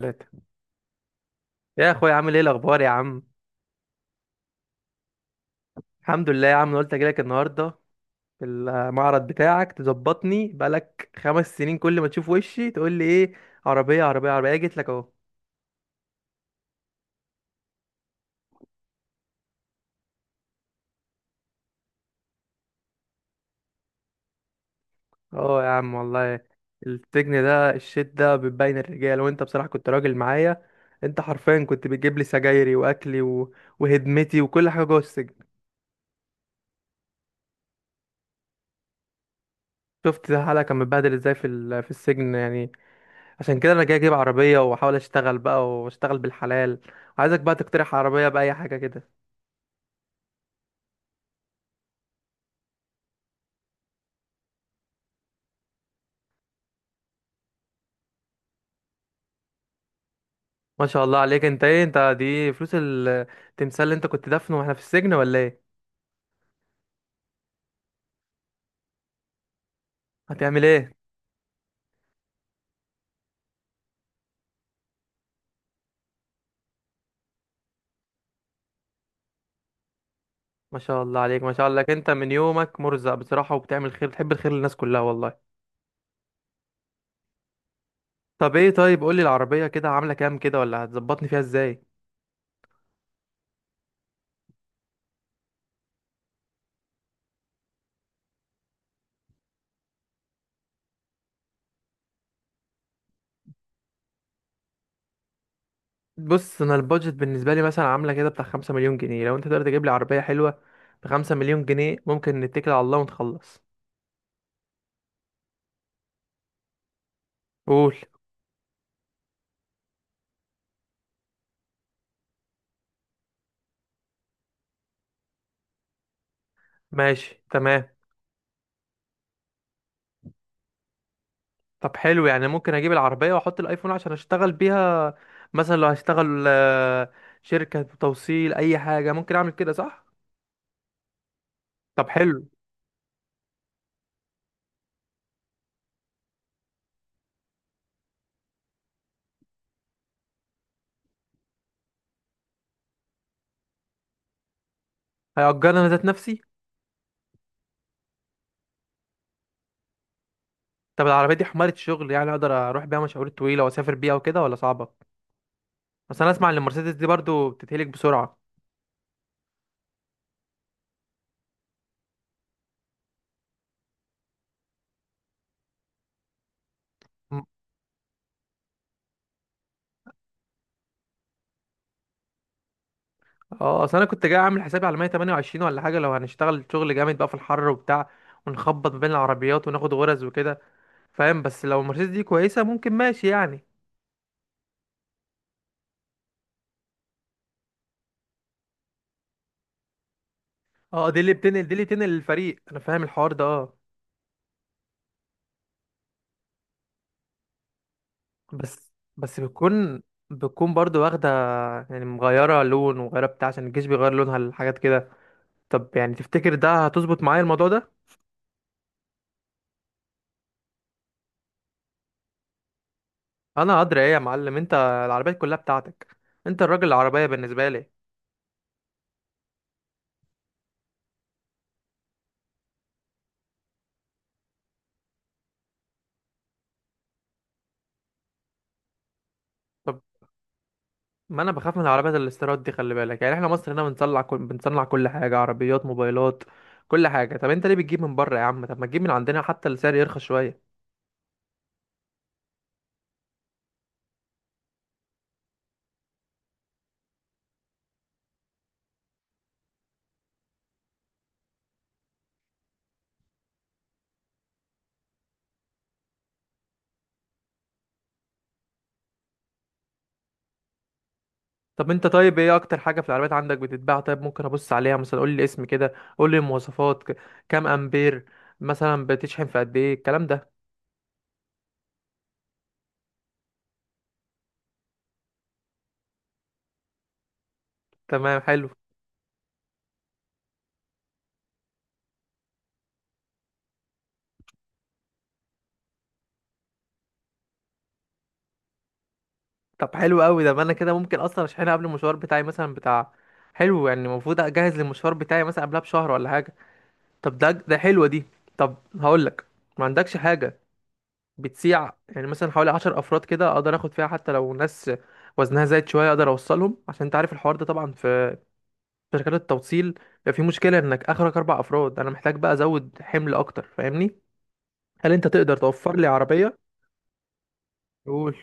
ثلاثة. يا اخويا عامل ايه الاخبار يا عم؟ الحمد لله يا عم، أنا قلت اجيلك النهارده في المعرض بتاعك تظبطني. بقالك 5 سنين كل ما تشوف وشي تقول لي ايه؟ عربية عربية عربية، جيت لك اهو. اه يا عم والله. السجن ده الشit ده بتبين الرجال، وانت بصراحة كنت راجل معايا. انت حرفيا كنت بتجيب لي سجايري واكلي وهدمتي وكل حاجة جوه السجن. شفت حالك كان متبهدل ازاي في السجن يعني. عشان كده انا جاي اجيب عربيه واحاول اشتغل بقى، واشتغل بالحلال. عايزك بقى تقترح عربيه، باي حاجه كده. ما شاء الله عليك. انت ايه؟ انت دي فلوس التمثال اللي انت كنت دفنه واحنا في السجن، ولا ايه؟ هتعمل ايه؟ ما شاء الله عليك، ما شاء الله عليك. انت من يومك مرزق بصراحه، وبتعمل خير، بتحب الخير للناس كلها والله. طب ايه؟ طيب قولي العربيه كده عامله كام كده، ولا هتظبطني فيها ازاي؟ بص، انا البادجت بالنسبه لي مثلا عامله كده بتاع 5 مليون جنيه. لو انت تقدر تجيب لي عربيه حلوه ب 5 مليون جنيه، ممكن نتكل على الله ونخلص. قول. ماشي تمام. طب حلو يعني، ممكن اجيب العربية واحط الايفون عشان اشتغل بيها، مثلا لو هشتغل شركة توصيل اي حاجة، ممكن اعمل كده صح؟ طب حلو. هيأجرني انا ذات نفسي؟ طب العربية دي حمارة شغل يعني، اقدر اروح بيها مشاوير طويلة واسافر بيها وكده، ولا صعبة؟ بس انا اسمع ان المرسيدس دي برضو بتتهلك بسرعة. م- اه، اصل انا كنت جاي اعمل حسابي على 128 ولا حاجة، لو هنشتغل شغل جامد بقى في الحر وبتاع، ونخبط ما بين العربيات وناخد غرز وكده، فاهم؟ بس لو المرسيدس دي كويسة، ممكن ماشي يعني. اه، دي اللي بتنقل الفريق، انا فاهم الحوار ده، اه. بس بس بتكون برضو واخدة يعني، مغيرة لون ومغيرة بتاع عشان الجيش بيغير لونها الحاجات كده. طب يعني تفتكر ده هتظبط معايا الموضوع ده؟ انا ادري ايه يا معلم، انت العربيات كلها بتاعتك، انت الراجل العربية بالنسبة لي. طب ما انا بخاف من العربيات الاستيراد دي، خلي بالك، يعني احنا مصر هنا بنصنع كل حاجة، عربيات، موبايلات، كل حاجة. طب انت ليه بتجيب من بره يا عم؟ طب ما تجيب من عندنا، حتى السعر يرخص شوية. طب انت، طيب ايه اكتر حاجه في العربيات عندك بتتباع؟ طيب ممكن ابص عليها مثلا، قول لي اسم كده، قول لي المواصفات. كام امبير مثلا بتشحن في قد ايه الكلام ده؟ تمام حلو. طب حلو قوي ده، ما انا كده ممكن اصلا اشحنها قبل المشوار بتاعي مثلا بتاع. حلو يعني، المفروض اجهز للمشوار بتاعي مثلا قبلها بشهر ولا حاجه. طب ده حلوه دي. طب هقول لك، ما عندكش حاجه بتسيع يعني مثلا حوالي 10 افراد كده، اقدر اخد فيها حتى لو ناس وزنها زايد شويه، اقدر اوصلهم، عشان انت عارف الحوار ده طبعا في شركات التوصيل بيبقى في مشكلة انك اخرك 4 افراد، انا محتاج بقى ازود حمل اكتر، فاهمني؟ هل انت تقدر توفر لي عربية؟ قول.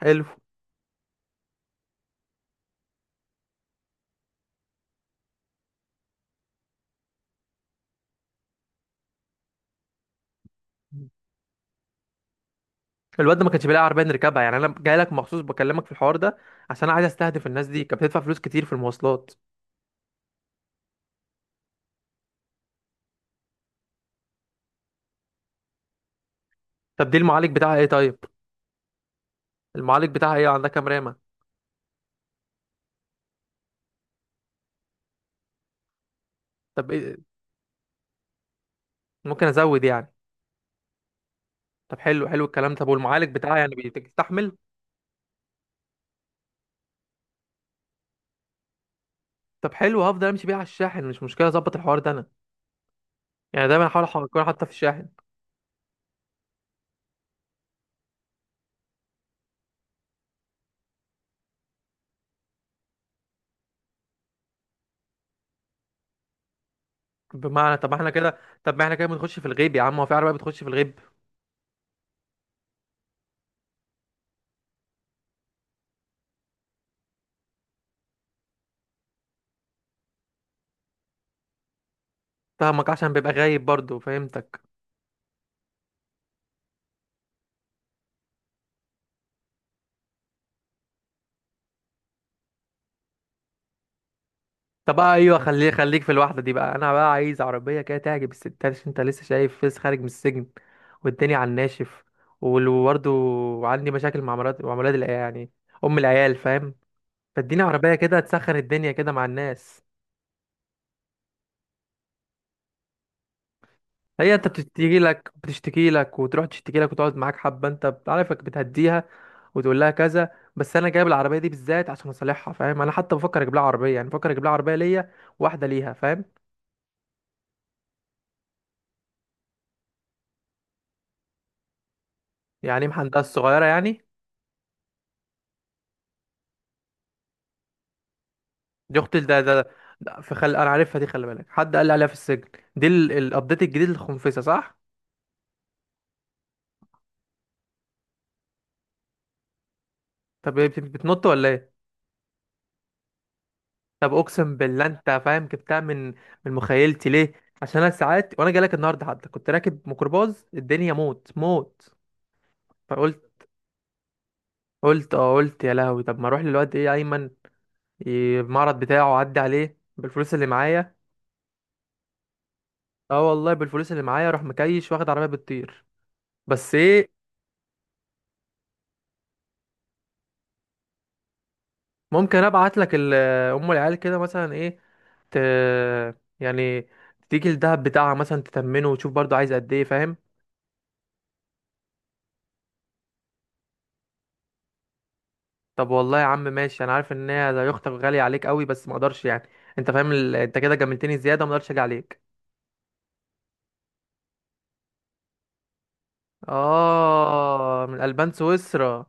حلو. الواد ده ما كانش بيلاقي عربية نركبها يعني، انا جاي لك مخصوص بكلمك في الحوار ده عشان انا عايز استهدف الناس دي، كانت بتدفع فلوس كتير في المواصلات. طب دي المعالج بتاعها ايه طيب؟ المعالج بتاعها ايه؟ عندها كام رامة؟ طب إيه؟ ممكن ازود يعني؟ طب حلو، حلو الكلام. طب والمعالج بتاعها يعني بيستحمل؟ طب حلو، هفضل امشي بيها على الشاحن، مش مشكلة، اظبط الحوار ده انا، يعني دايما احاول اكون حاطه في الشاحن. بمعنى، طب ما احنا كده. طب ما احنا كده بنخش في الغيب يا عم، هو في عربية بتخش في الغيب؟ فاهمك، عشان بيبقى غايب برضو، فهمتك. طب بقى ايوه، خليك خليك في الواحدة دي بقى. انا بقى عايز عربية كده تعجب الستات، عشان انت لسه شايف، فيس خارج من السجن والدنيا على الناشف، وبرضه عندي مشاكل مع مرات، مع ولاد العيال يعني، ام العيال، فاهم؟ فاديني عربية كده تسخن الدنيا كده مع الناس. هي انت بتشتكي لك وتروح تشتكي لك وتقعد معاك حبة، انت عارفك بتهديها وتقول لها كذا. بس انا جايب العربيه دي بالذات عشان اصلحها، فاهم، انا حتى بفكر اجيب لها عربيه، يعني بفكر اجيب لها عربيه ليا، واحده ليها، فاهم؟ يعني محندقه، الصغيره يعني. دي اختي. انا عارفها دي، خلي بالك، حد قال لي عليها في السجن. دي الابديت الجديد للخنفسه، صح؟ طب هي بتنط ولا ايه؟ طب اقسم بالله، انت فاهم جبتها من من مخيلتي ليه؟ عشان انا ساعات وانا جاي لك النهارده حتى كنت راكب ميكروباص، الدنيا موت موت، فقلت، قلت يا لهوي طب ما اروح للواد ايه، ايمن، المعرض بتاعه عدي عليه بالفلوس اللي معايا. اه والله بالفلوس اللي معايا اروح مكيش واخد عربيه بتطير. بس ايه، ممكن ابعت لك ام العيال كده مثلا ايه، ت... يعني تيجي الدهب بتاعها مثلا تتمنه وتشوف برضو عايز قد ايه، فاهم؟ طب والله يا عم ماشي، انا عارف ان هي زي اختك غاليه عليك قوي، بس ما اقدرش يعني. انت فاهم، انت كده جاملتني زياده، ما اقدرش اجي عليك. اه، من البان، سويسرا.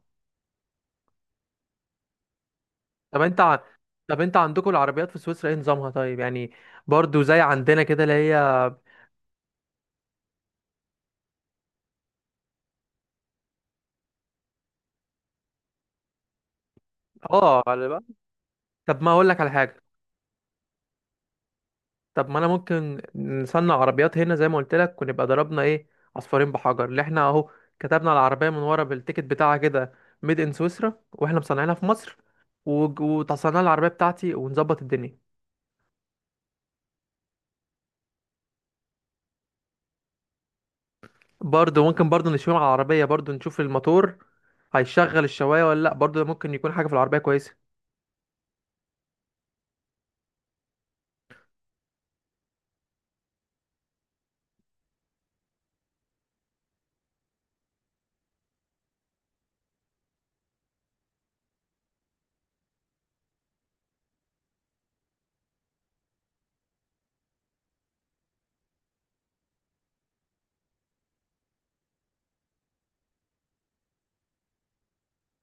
طب انت ع- طب انت عندكم العربيات في سويسرا ايه نظامها طيب يعني؟ برضو زي عندنا كده، اللي هي. اه طب ما اقول لك على حاجه. طب ما انا ممكن نصنع عربيات هنا زي ما قلت لك، ونبقى ضربنا ايه؟ عصفورين بحجر، اللي احنا اهو، كتبنا على العربيه من ورا بالتيكت بتاعها كده ميد ان سويسرا، واحنا مصنعينها في مصر. وتصنع العربيه بتاعتي ونظبط الدنيا. برضو ممكن، برضو نشوف على العربيه، برضو نشوف الموتور هيشغل الشوايه ولا لا، برضو ممكن يكون حاجه في العربيه كويسه.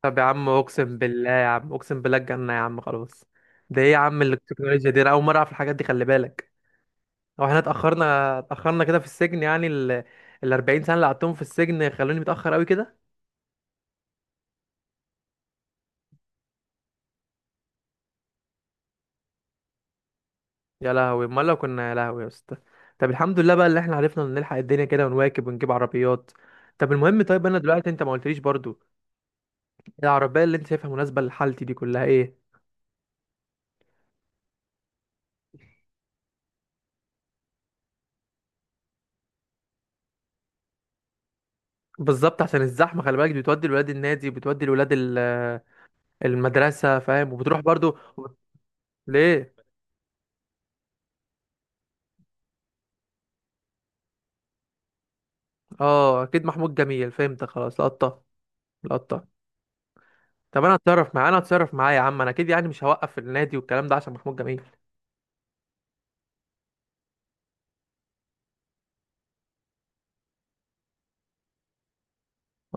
طب يا عم اقسم بالله يا عم، اقسم بالله الجنة، يا عم خلاص. ده ايه يا عم التكنولوجيا دي؟ انا اول مرة اعرف الحاجات دي، خلي بالك. هو احنا اتأخرنا كده في السجن يعني ال 40 سنة اللي قعدتهم في السجن خلوني متأخر قوي كده. يا لهوي، امال لو كنا، يا لهوي يا اسطى. طب الحمد لله بقى، اللي احنا عرفنا نلحق الدنيا كده ونواكب ونجيب عربيات. طب المهم طيب، انا دلوقتي انت ما قلتليش برضو العربية اللي انت شايفها مناسبة لحالتي دي كلها ايه؟ بالظبط، عشان الزحمة خلي بالك، دي بتودي الولاد النادي، بتودي الولاد المدرسة، فاهم، وبتروح برضو ليه؟ اه اكيد، محمود جميل، فهمت خلاص، لقطة لقطة. طب انا هتصرف معاه، انا هتصرف معاه يا عم، انا اكيد يعني مش هوقف في النادي والكلام ده عشان محمود جميل.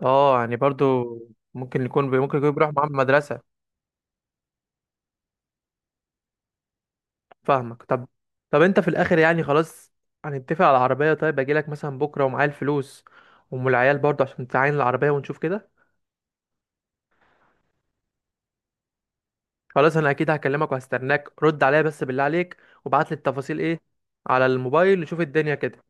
اه يعني برضو ممكن يكون بيروح معاه من المدرسة. فاهمك. طب انت في الاخر يعني خلاص، هنتفق على العربية، طيب اجي لك مثلا بكرة ومعايا الفلوس، ام العيال برضو عشان تعاين العربية ونشوف كده. خلاص، انا اكيد هكلمك وهستناك، رد عليا بس بالله عليك، وابعت لي التفاصيل ايه على الموبايل، نشوف الدنيا كده.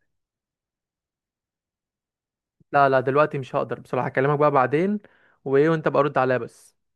لا لا، دلوقتي مش هقدر بصراحة، هكلمك بقى بعدين، وايه، وانت بقى رد عليا بس.